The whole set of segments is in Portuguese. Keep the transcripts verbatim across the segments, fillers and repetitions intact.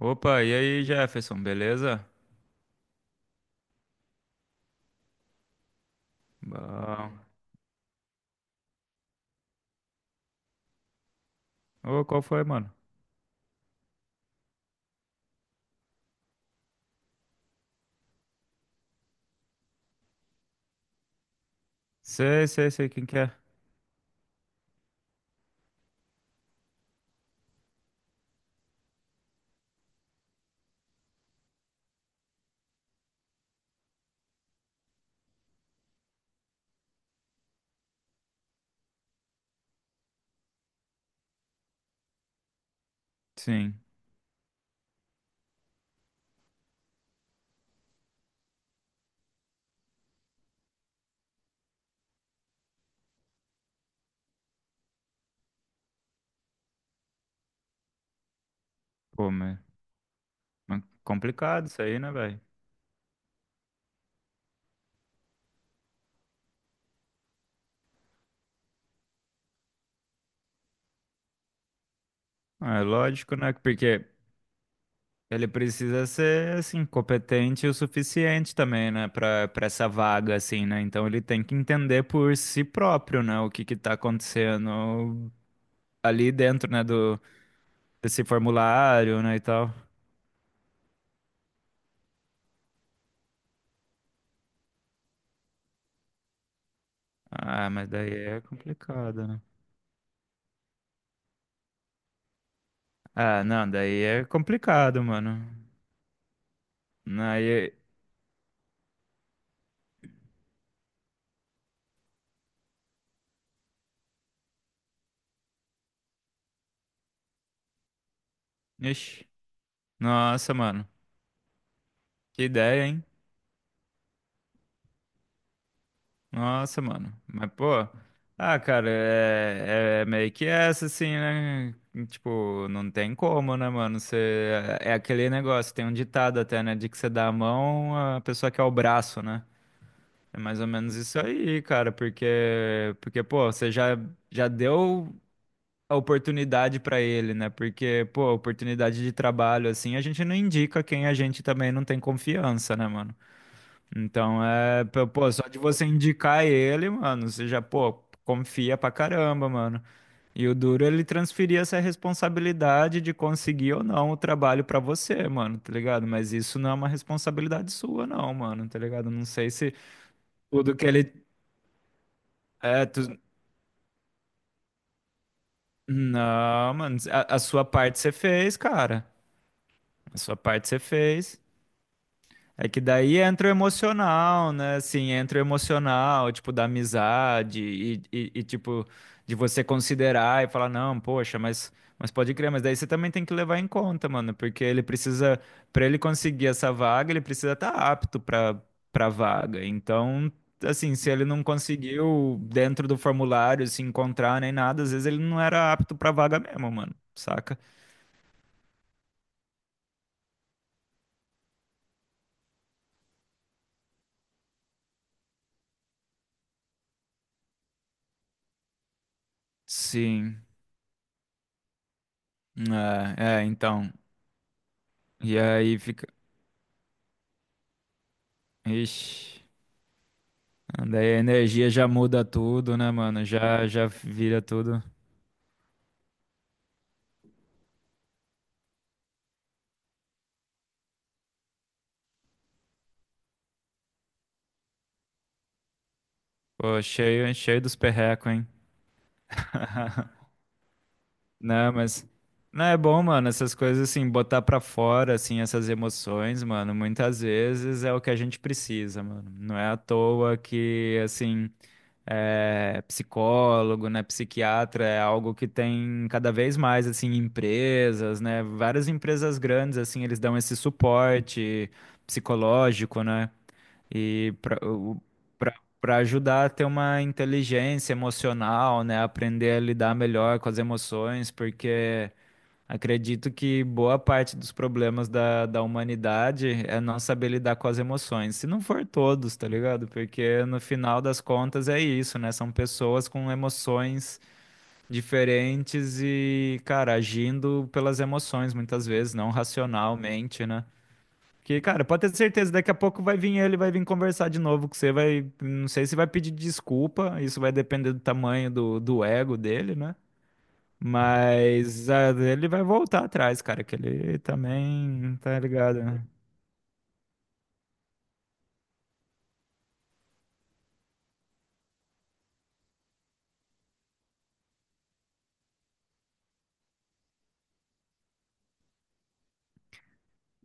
Opa, e aí, Jefferson, beleza? Bom. Ô, qual foi, mano? Sei, sei, sei quem que é. Sim. Pô, mas mas complicado isso aí, né, velho? Ah, é lógico, né? Porque ele precisa ser, assim, competente o suficiente também, né? Pra, pra essa vaga, assim, né? Então ele tem que entender por si próprio, né? O que que tá acontecendo ali dentro, né? Do, desse formulário, né? E tal. Ah, mas daí é complicado, né? Ah, não, daí é complicado, mano. Aí, ixi, nossa, mano. Que ideia, hein? Nossa, mano. Mas, pô, ah, cara, é, é meio que essa, assim, né? Tipo, não tem como, né, mano? Você, é é aquele negócio, tem um ditado até, né? De que você dá a mão, a pessoa quer o braço, né? É mais ou menos isso aí, cara, porque, porque pô, você já, já deu a oportunidade pra ele, né? Porque, pô, oportunidade de trabalho, assim, a gente não indica quem a gente também não tem confiança, né, mano? Então, é, pô, pô, só de você indicar ele, mano, você já, pô, confia pra caramba, mano. E o duro é ele transferir essa responsabilidade de conseguir ou não o trabalho pra você, mano, tá ligado? Mas isso não é uma responsabilidade sua, não, mano, tá ligado? Não sei se tudo que ele. É, tu... Não, mano, a, a sua parte você fez, cara. A sua parte você fez. É que daí entra o emocional, né? Assim, entra o emocional, tipo, da amizade e, e- e, tipo, de você considerar e falar, não, poxa, mas, mas pode crer, mas daí você também tem que levar em conta, mano, porque ele precisa, pra ele conseguir essa vaga, ele precisa estar apto pra, pra vaga. Então, assim, se ele não conseguiu dentro do formulário se encontrar nem nada, às vezes ele não era apto pra vaga mesmo, mano, saca? Sim. É, é, então. E aí fica. Ixi. Daí a energia já muda tudo, né, mano? Já, já vira tudo. Pô, cheio, cheio dos perrecos, hein? Não, mas. Não, é bom, mano, essas coisas assim, botar pra fora, assim, essas emoções, mano, muitas vezes é o que a gente precisa, mano. Não é à toa que, assim, é, psicólogo, né, psiquiatra é algo que tem cada vez mais, assim, empresas, né, várias empresas grandes, assim, eles dão esse suporte psicológico, né? E para para ajudar a ter uma inteligência emocional, né? Aprender a lidar melhor com as emoções, porque acredito que boa parte dos problemas da, da humanidade é não saber lidar com as emoções. Se não for todos, tá ligado? Porque no final das contas é isso, né? São pessoas com emoções diferentes e, cara, agindo pelas emoções muitas vezes, não racionalmente, né? Que, cara, pode ter certeza, daqui a pouco vai vir ele, vai vir conversar de novo com você, vai, não sei se vai pedir desculpa, isso vai depender do tamanho do, do ego dele, né? Mas ah, ele vai voltar atrás, cara, que ele também, tá ligado, né?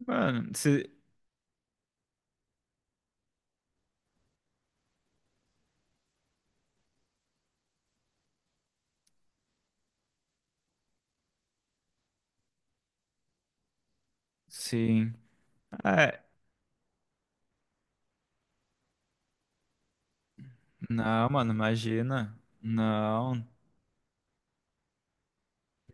Mano, se, sim. É, não, mano, imagina. Não,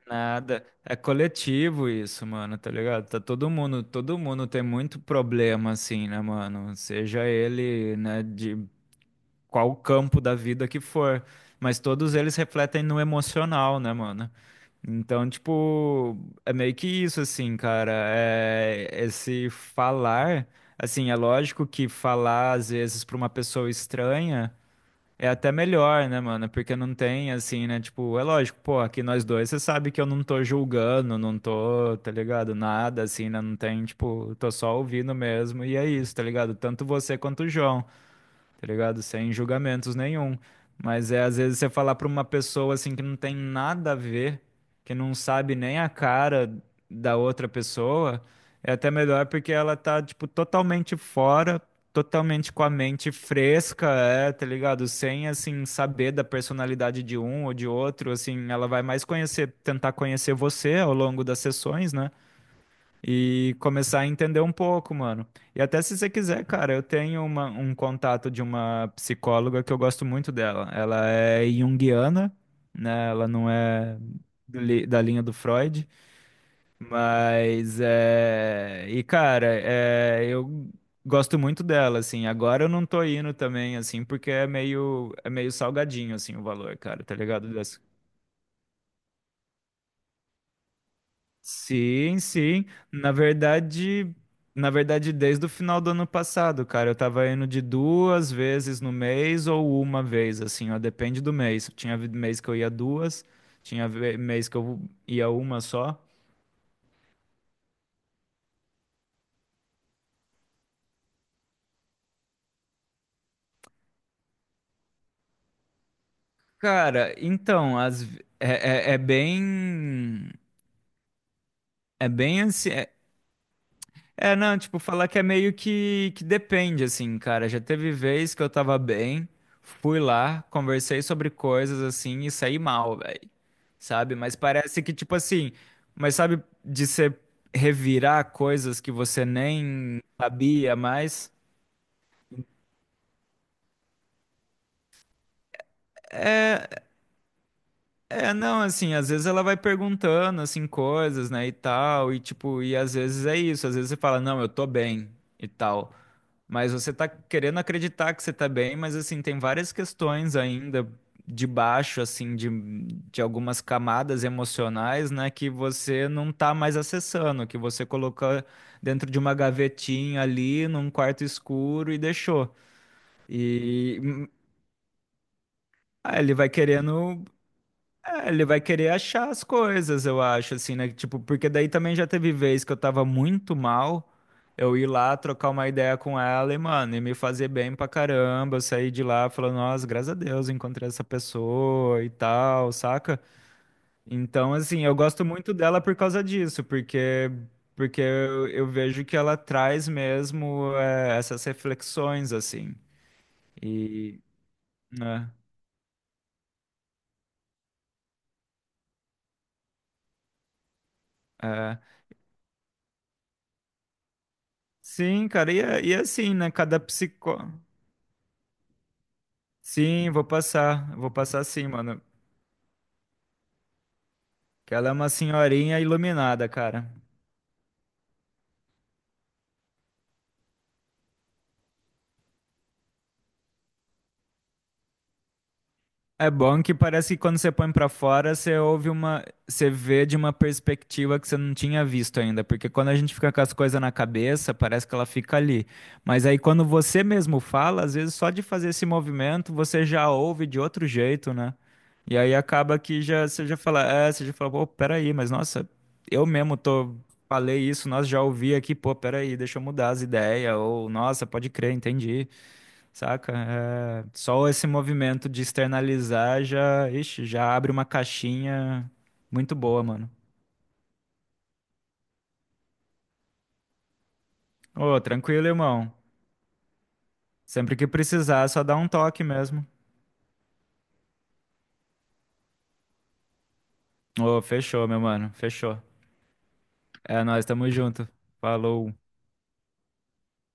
nada. É coletivo isso, mano, tá ligado? Tá todo mundo, todo mundo tem muito problema assim, né, mano? Seja ele, né, de qual campo da vida que for. Mas todos eles refletem no emocional, né, mano? Então, tipo, é meio que isso, assim, cara. É esse falar, assim, é lógico que falar, às vezes, pra uma pessoa estranha é até melhor, né, mano? Porque não tem, assim, né? Tipo, é lógico, pô, aqui nós dois, você sabe que eu não tô julgando, não tô, tá ligado? Nada, assim, né? Não tem, tipo, tô só ouvindo mesmo. E é isso, tá ligado? Tanto você quanto o João, tá ligado? Sem julgamentos nenhum. Mas é às vezes você falar pra uma pessoa assim que não tem nada a ver, que não sabe nem a cara da outra pessoa, é até melhor porque ela tá, tipo, totalmente fora, totalmente com a mente fresca, é, tá ligado? Sem, assim, saber da personalidade de um ou de outro, assim, ela vai mais conhecer, tentar conhecer você ao longo das sessões, né? E começar a entender um pouco, mano. E até se você quiser, cara, eu tenho uma- um contato de uma psicóloga que eu gosto muito dela. Ela é junguiana, né? Ela não é do li- da linha do Freud, mas é... E, cara, é... eu gosto muito dela, assim. Agora eu não tô indo também, assim, porque é meio, é meio salgadinho, assim, o valor, cara, tá ligado? Sim, sim. Na verdade, na verdade, desde o final do ano passado, cara, eu tava indo de duas vezes no mês ou uma vez, assim, ó, depende do mês. Tinha vi- mês que eu ia duas, tinha ve- mês que eu ia uma só. Cara, então, as, ve- é, é, é bem, é bem assim, é, é, não, tipo, falar que é meio que, que, depende, assim, cara. Já teve vez que eu tava bem, fui lá, conversei sobre coisas, assim, e saí mal, velho. Sabe? Mas parece que, tipo assim, mas sabe de você revirar coisas que você nem sabia mais? É, não, assim, às vezes ela vai perguntando, assim, coisas, né, e tal, e tipo, e às vezes é isso, às vezes você fala, não, eu tô bem, e tal. Mas você tá querendo acreditar que você tá bem, mas assim, tem várias questões ainda debaixo, assim, de, de algumas camadas emocionais, né, que você não tá mais acessando, que você colocou dentro de uma gavetinha ali, num quarto escuro e deixou. E hum, ah, ele vai querendo. É, ele vai querer achar as coisas, eu acho, assim, né? Tipo, porque daí também já teve vez que eu tava muito mal, eu ir lá trocar uma ideia com ela e, mano, e me fazer bem pra caramba. Eu saí de lá falando, nossa, graças a Deus, encontrei essa pessoa e tal, saca? Então, assim, eu gosto muito dela por causa disso, porque, porque eu, eu vejo que ela traz mesmo, é, essas reflexões, assim. E, né? É. Sim, cara, e, é- e é assim, né? Cada psicó. Sim, vou passar. Vou passar sim, mano. Que ela é uma senhorinha iluminada, cara. É bom que parece que quando você põe pra fora, você ouve uma, você vê de uma perspectiva que você não tinha visto ainda, porque quando a gente fica com as coisas na cabeça, parece que ela fica ali. Mas aí quando você mesmo fala, às vezes só de fazer esse movimento, você já ouve de outro jeito, né? E aí acaba que já você já fala, é, você já fala, pô, peraí, mas nossa, eu mesmo tô falei isso, nós já ouvi aqui, pô, peraí, deixa eu mudar as ideias, ou nossa, pode crer, entendi. Saca? É, só esse movimento de externalizar já, ixi, já abre uma caixinha muito boa, mano. Ô, tranquilo, irmão. Sempre que precisar, só dá um toque mesmo. Ô, fechou, meu mano. Fechou. É nóis, tamo junto. Falou.